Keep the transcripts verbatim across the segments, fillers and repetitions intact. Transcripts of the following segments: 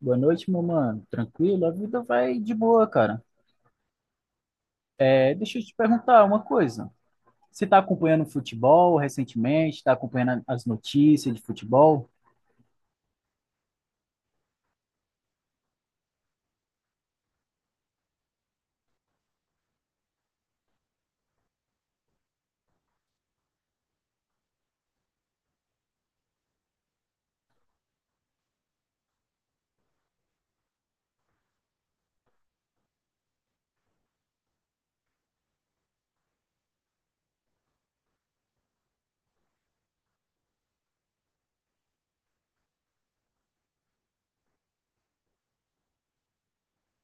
Boa noite, meu mano. Tranquilo? A vida vai de boa, cara. É, deixa eu te perguntar uma coisa. Você tá acompanhando futebol recentemente? Tá acompanhando as notícias de futebol?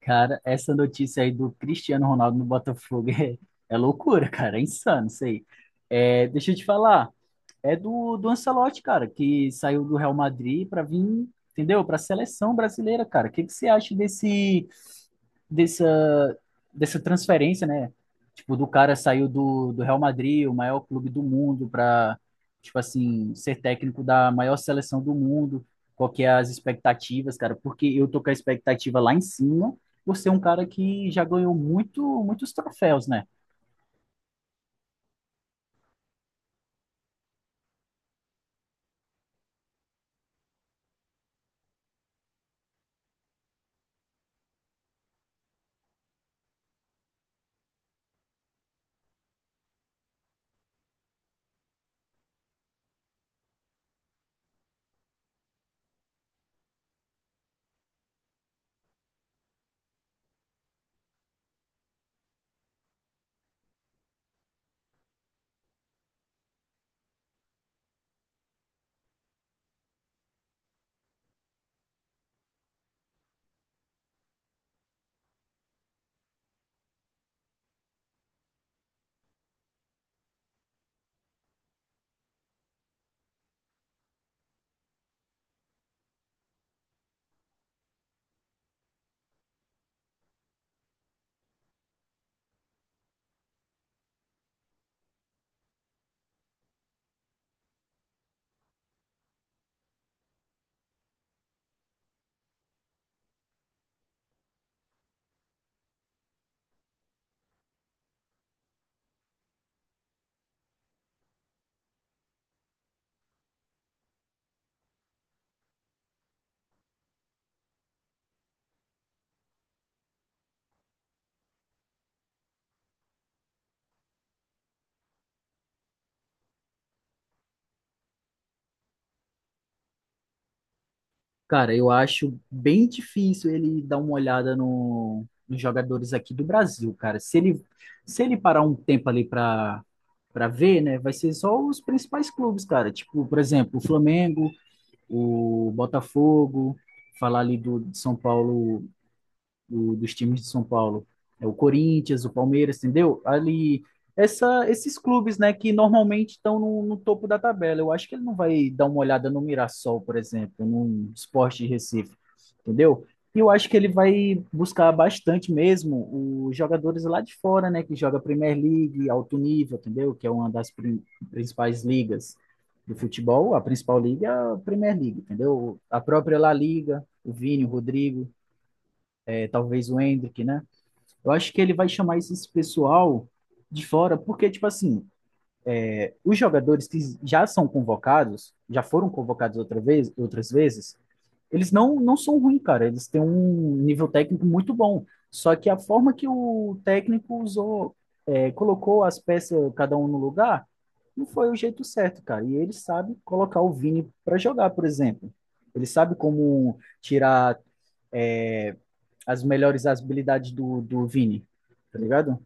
Cara, essa notícia aí do Cristiano Ronaldo no Botafogo é, é loucura, cara. É insano isso aí. É, deixa eu te falar. É do, do Ancelotti, cara, que saiu do Real Madrid pra vir, entendeu? Pra seleção brasileira, cara. O que que você acha desse dessa, dessa transferência, né? Tipo, do cara saiu do, do Real Madrid, o maior clube do mundo, para, tipo assim, ser técnico da maior seleção do mundo. Qual que é as expectativas, cara? Porque eu tô com a expectativa lá em cima, por ser um cara que já ganhou muito, muitos troféus, né? Cara, eu acho bem difícil ele dar uma olhada no- nos jogadores aqui do Brasil, cara. Se ele, se ele parar um tempo ali para para ver, né, vai ser só os principais clubes, cara. Tipo, por exemplo, o Flamengo, o Botafogo, falar ali do de São Paulo, do- dos times de São Paulo. É o Corinthians, o Palmeiras, entendeu? Ali, essa, esses clubes, né, que normalmente estão no, no topo da tabela. Eu acho que ele não vai dar uma olhada no Mirassol, por exemplo, no Sport de Recife, entendeu? E eu acho que ele vai buscar bastante mesmo os jogadores lá de fora, né, que joga Premier League, alto nível, entendeu? Que é uma das prin- principais ligas do futebol. A principal liga é a Premier League, entendeu? A própria La Liga, o Vini, o Rodrigo, é, talvez o Hendrick, né? Eu acho que ele vai chamar esse pessoal de fora, porque, tipo assim, os jogadores que já são convocados, já foram convocados outra vez, outras vezes, eles não, não são ruins, cara. Eles têm um nível técnico muito bom. Só que a forma que o técnico usou, é, colocou as peças, cada um no lugar, não foi o jeito certo, cara. E ele sabe colocar o Vini para jogar, por exemplo. Ele sabe como tirar é, as melhores habilidades do, do Vini, tá ligado?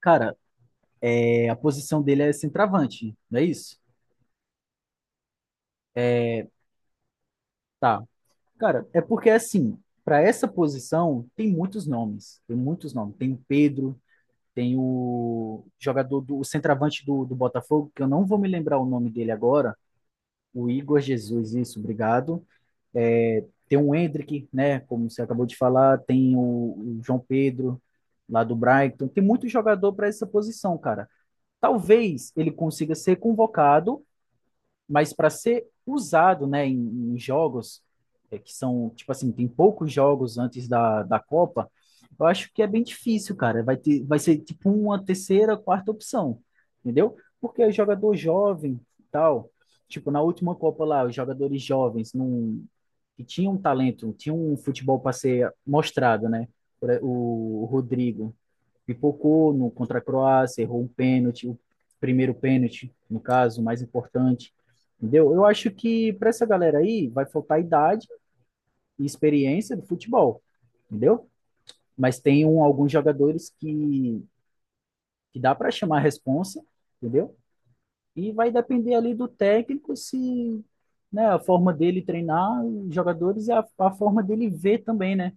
Cara, é, a posição dele é centroavante, não é isso? É, tá. Cara, é porque assim, para essa posição tem muitos nomes, tem muitos nomes. Tem o Pedro, tem o jogador do o centroavante do, do Botafogo, que eu não vou me lembrar o nome dele agora, o Igor Jesus, isso, obrigado. É, tem o Hendrick, né, como você acabou de falar, tem o, o João Pedro, lá do Brighton, tem muito jogador para essa posição, cara. Talvez ele consiga ser convocado, mas para ser usado, né, em, em jogos é, que são, tipo assim, tem poucos jogos antes da, da Copa, eu acho que é bem difícil, cara. Vai ter, vai ser tipo uma terceira, quarta opção, entendeu? Porque o jogador jovem e tal, tipo, na última Copa lá, os jogadores jovens não, que tinham talento, tinham um futebol para ser mostrado, né? Por e- O, o Rodrigo pipocou no contra a Croácia, errou um pênalti, o primeiro pênalti, no caso, o mais importante. Entendeu? Eu acho que para essa galera aí vai faltar idade e experiência do futebol, entendeu? Mas tem um, alguns jogadores que, que dá para chamar a responsa, entendeu? E vai depender ali do técnico se né, a forma dele treinar os jogadores e a, a forma dele ver também, né?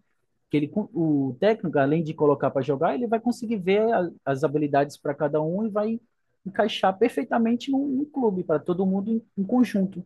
que ele, con- O técnico, além de colocar para jogar, ele vai conseguir ver a- as habilidades para cada um e vai encaixar perfeitamente num, num clube, para todo mundo em, em conjunto.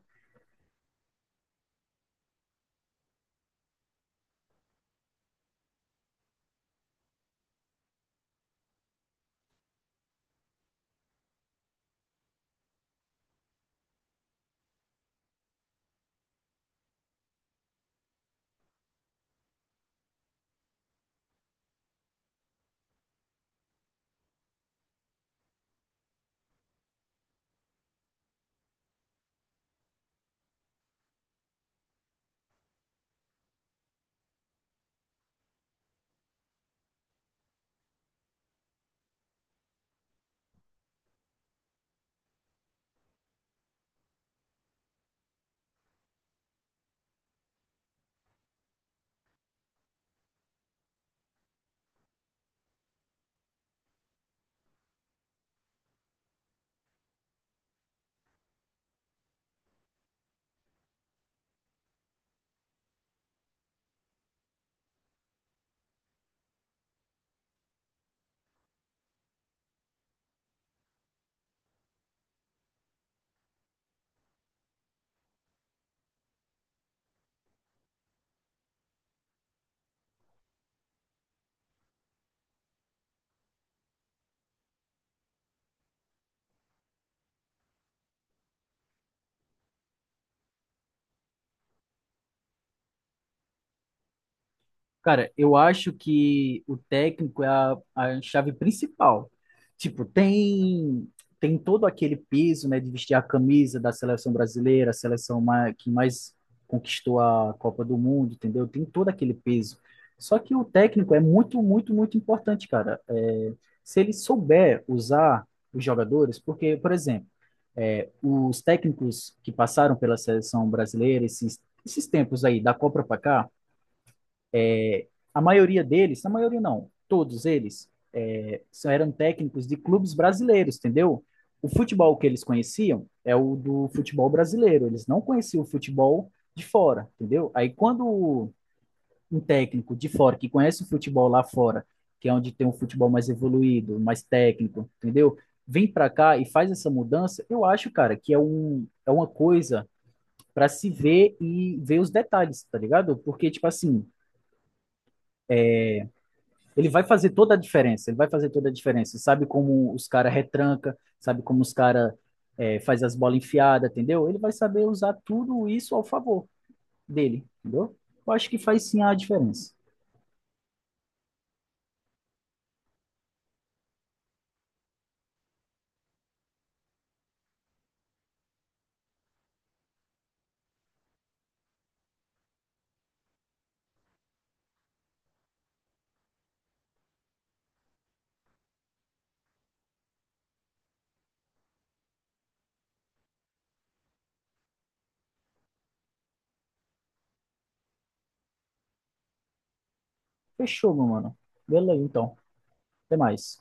Cara, eu acho que o técnico é a, a chave principal. Tipo, tem tem todo aquele peso, né, de vestir a camisa da seleção brasileira, a seleção ma- que mais conquistou a Copa do Mundo, entendeu? Tem todo aquele peso. Só que o técnico é muito, muito, muito importante, cara. É, se ele souber usar os jogadores, porque, por exemplo, é, os técnicos que passaram pela seleção brasileira esses, esses tempos aí, da Copa para cá, é, a maioria deles, a maioria não, todos eles é, eram técnicos de clubes brasileiros, entendeu? O futebol que eles conheciam é o do futebol brasileiro, eles não conheciam o futebol de fora, entendeu? Aí quando um técnico de fora que conhece o futebol lá fora, que é onde tem um futebol mais evoluído, mais técnico, entendeu? Vem para cá e faz essa mudança, eu acho, cara, que é um, é uma coisa para se ver e ver os detalhes, tá ligado? Porque, tipo assim, ele vai fazer toda a diferença, ele vai fazer toda a diferença. Sabe como os caras retranca, sabe como os caras é, faz as bolas enfiadas, entendeu? Ele vai saber usar tudo isso ao favor dele, entendeu? Eu acho que faz sim a diferença. Fechou, meu mano. Beleza, então. Até mais.